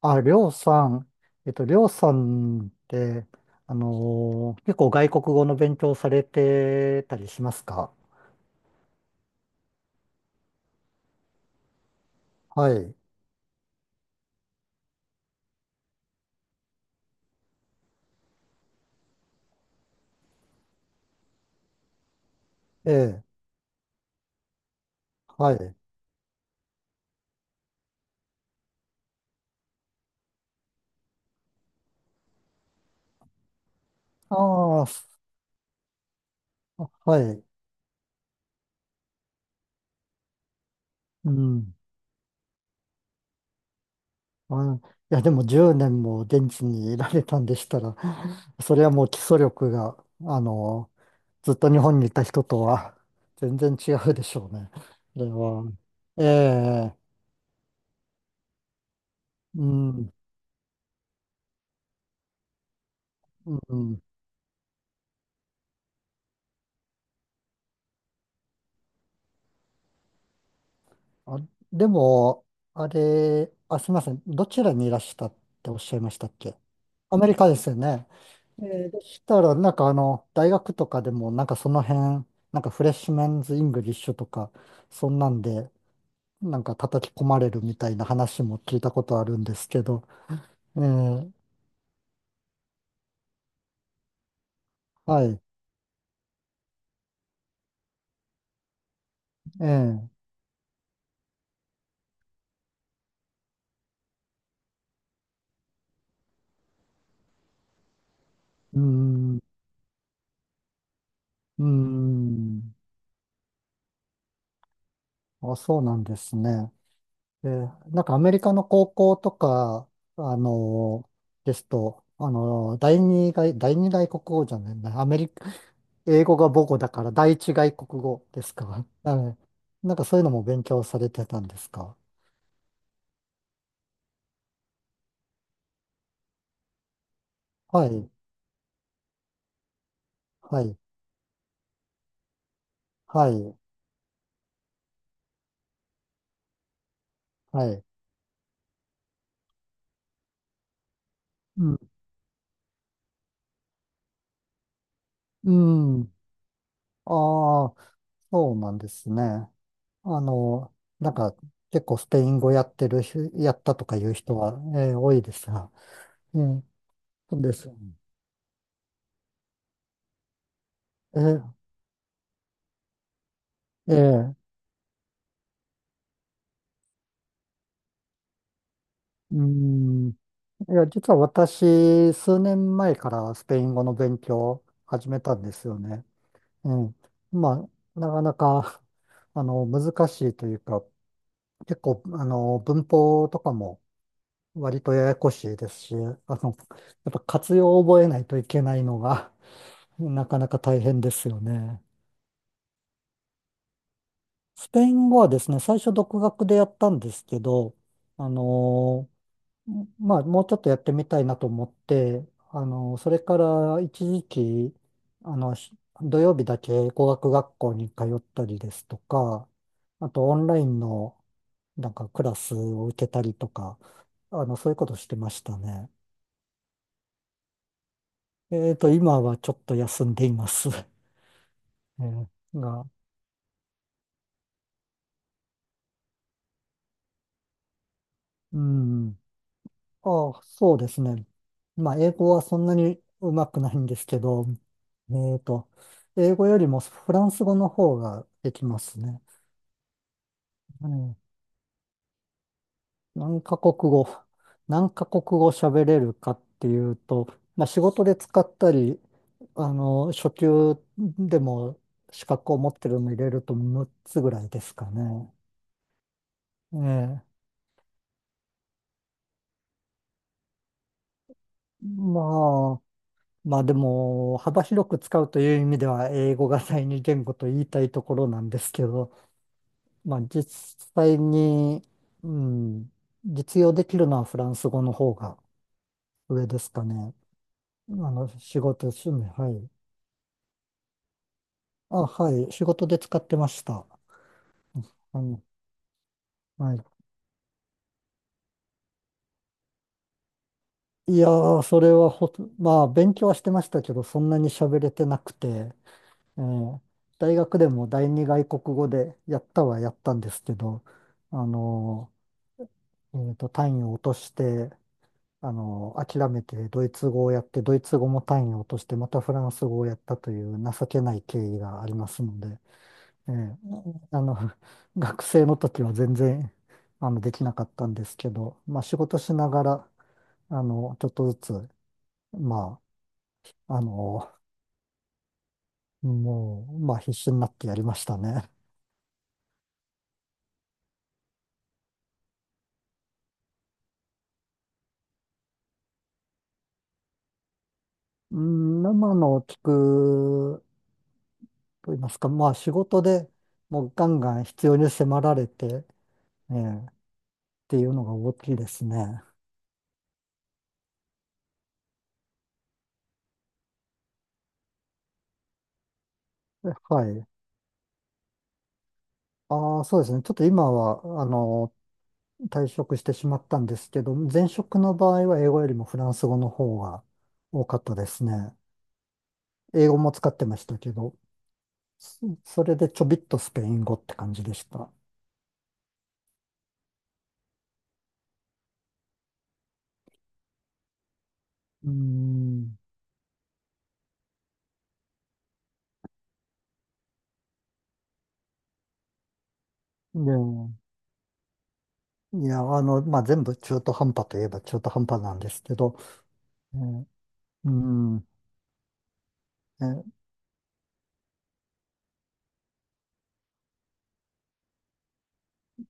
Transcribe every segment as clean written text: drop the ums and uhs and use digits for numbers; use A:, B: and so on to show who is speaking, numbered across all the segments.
A: あ、りょうさん、りょうさんって、結構外国語の勉強されてたりしますか？はい。ええ、はい。ああ、す、はい。うん。あ、いや、でも10年も現地にいられたんでしたら、それはもう基礎力が、あのーずっと日本にいた人とは全然違うでしょうね。それは。ええ、うん、うん。あ、でも、あれ、あ、すみません。どちらにいらしたっておっしゃいましたっけ？アメリカですよね。えー、でしたら、なんかあの、大学とかでも、なんかその辺、なんかフレッシュメンズ・イングリッシュとか、そんなんで、なんか叩き込まれるみたいな話も聞いたことあるんですけど、えー、はい、えー、うーん、うーん、あ、そうなんですね。えー、なんかアメリカの高校とか、あのーですと、第二外、第二外国語じゃないな、アメリカ、英語が母語だから第一外国語ですか？はい。なんかそういうのも勉強されてたんですか？はい、はい、はい、はい。うん、うん。ああ、そうなんですね。あの、なんか結構スペイン語やってる人、やったとかいう人は、えー、多いですが。うん、そうです。えー、ええ、うん。いや、実は私、数年前からスペイン語の勉強を始めたんですよね。うん。まあ、なかなか、あの、難しいというか、結構、あの、文法とかも割とややこしいですし、あの、やっぱ活用を覚えないといけないのが、なかなか大変ですよね。スペイン語はですね、最初独学でやったんですけど、あの、まあ、もうちょっとやってみたいなと思って、あの、それから一時期、あの、し、土曜日だけ語学学校に通ったりですとか、あとオンラインのなんかクラスを受けたりとか、あの、そういうことしてましたね。今はちょっと休んでいます。えーが、うん。ああ、そうですね。まあ、英語はそんなにうまくないんですけど、えっと、英語よりもフランス語の方ができますね。うん、何カ国語、何カ国語喋れるかっていうと、まあ、仕事で使ったり、あの、初級でも資格を持ってるの入れると6つぐらいですかね。ええ、まあ、まあでも、幅広く使うという意味では、英語が第二言語と言いたいところなんですけど、まあ実際に、うん、実用できるのはフランス語の方が上ですかね。あの、仕事、趣味、はい。あ、はい、仕事で使ってました。あの、はい。いやー、それはほと、まあ勉強はしてましたけど、そんなに喋れてなくて、えー、大学でも第二外国語でやったはやったんですけど、あの、単位を落として、あの、諦めてドイツ語をやって、ドイツ語も単位を落として、またフランス語をやったという情けない経緯がありますので、ええ、あの、学生の時は全然、あの、できなかったんですけど、まあ、仕事しながら、あの、ちょっとずつ、まあ、あの、もう、まあ、必死になってやりましたね。うん、生のを聞くと言いますか、まあ、仕事でもうガンガン必要に迫られて、ええ、っていうのが大きいですね。はい。ああ、そうですね。ちょっと今は、あの、退職してしまったんですけど、前職の場合は英語よりもフランス語の方が多かったですね。英語も使ってましたけど、そ、それでちょびっとスペイン語って感じでした。うーん。でも、いや、あの、まあ、全部中途半端といえば中途半端なんですけど、えー、うーん、えー、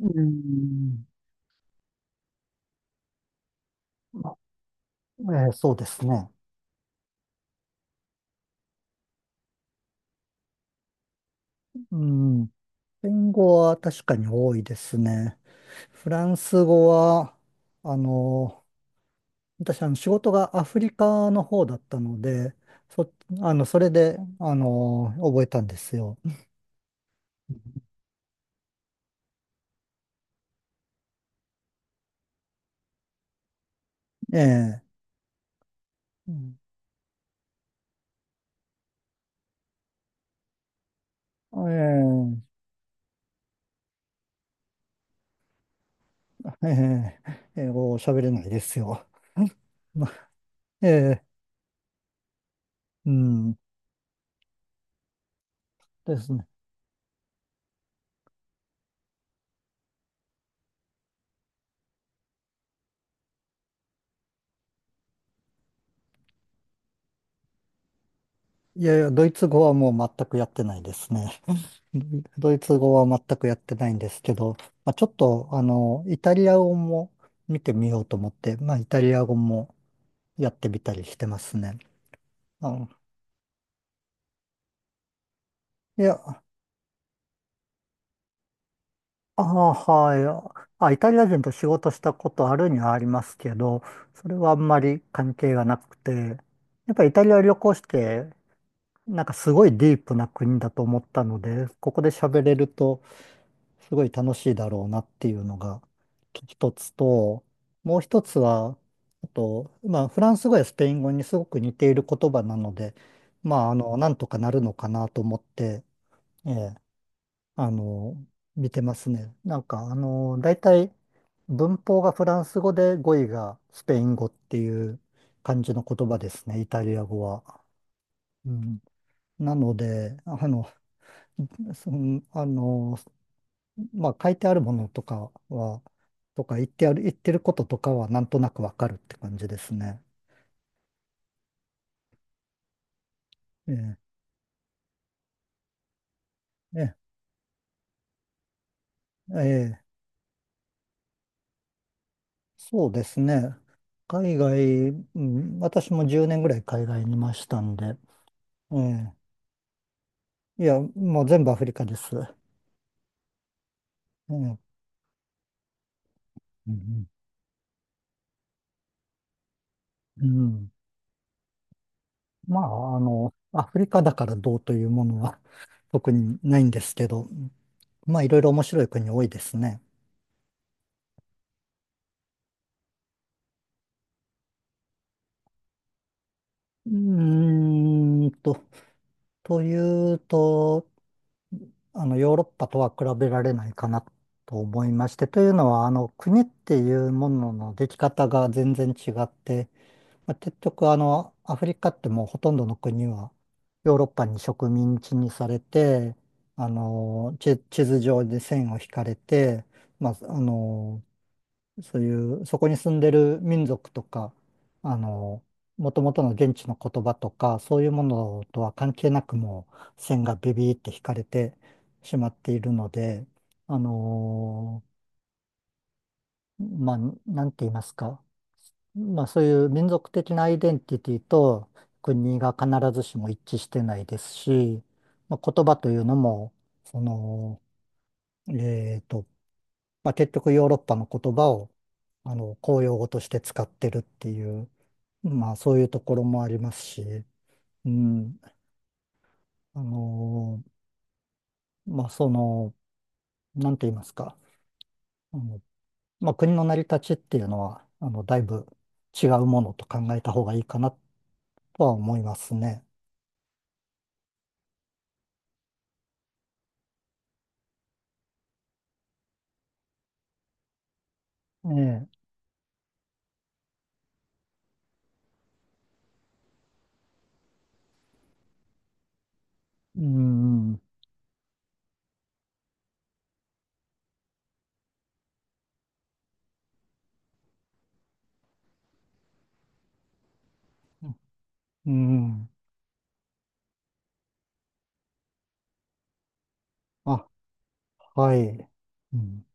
A: うーん、まあ、えー、そうですね。うーん。スペイン語は確かに多いですね。フランス語は、あの、私、あの、仕事がアフリカの方だったので、そ、あの、それで、あの、覚えたんですよ。ええ、うん、ええ、ええ、英語を喋れないですよ。ええ、うん、ですね。いやいや、ドイツ語はもう全くやってないですね。ドイツ語は全くやってないんですけど、まあ、ちょっと、あの、イタリア語も見てみようと思って、まあ、イタリア語もやってみたりしてますね。あの、いや、ああ、はい。あ、イタリア人と仕事したことあるにはありますけど、それはあんまり関係がなくて、やっぱりイタリア旅行して、なんかすごいディープな国だと思ったので、ここで喋れると、すごい楽しいだろうなっていうのが一つと、もう一つは、あと、まあ、フランス語やスペイン語にすごく似ている言葉なので、まあ、あの、なんとかなるのかなと思って、ええ、あの、見てますね。なんか、あの、大体、文法がフランス語で語彙がスペイン語っていう感じの言葉ですね、イタリア語は。うん、なので、あの、そのあの、まあ書いてあるものとかは、とか言ってある、言ってることとかはなんとなくわかるって感じですね。ええ、ええ、ええ、そうですね。海外、うん、私も10年ぐらい海外にいましたんで、ええ、いや、もう全部アフリカです。ええ、うん、うん、うん、まあ、あの、アフリカだからどうというものは 特にないんですけど、まあ、いろいろ面白い国多いですね。うーんと、というと、あの、ヨーロッパとは比べられないかなと思いまして、というのは、あの、国っていうもののでき方が全然違って、まあ、結局、あの、アフリカってもうほとんどの国はヨーロッパに植民地にされて、あの、地、地図上で線を引かれて、まあ、あの、そういう、そこに住んでる民族とか、あの、もともとの現地の言葉とか、そういうものとは関係なくもう線がビビーって引かれてしまっているので、あの、まあ、なんて言いますか。まあ、そういう民族的なアイデンティティと国が必ずしも一致してないですし、まあ、言葉というのも、その、えっと、まあ、結局ヨーロッパの言葉をあの公用語として使ってるっていう、まあそういうところもありますし、うん、あの、まあその、なんて言いますか、あの、まあ、国の成り立ちっていうのは、あのだいぶ違うものと考えた方がいいかなとは思いますね。ええ、うん、うん、あ、はい。うん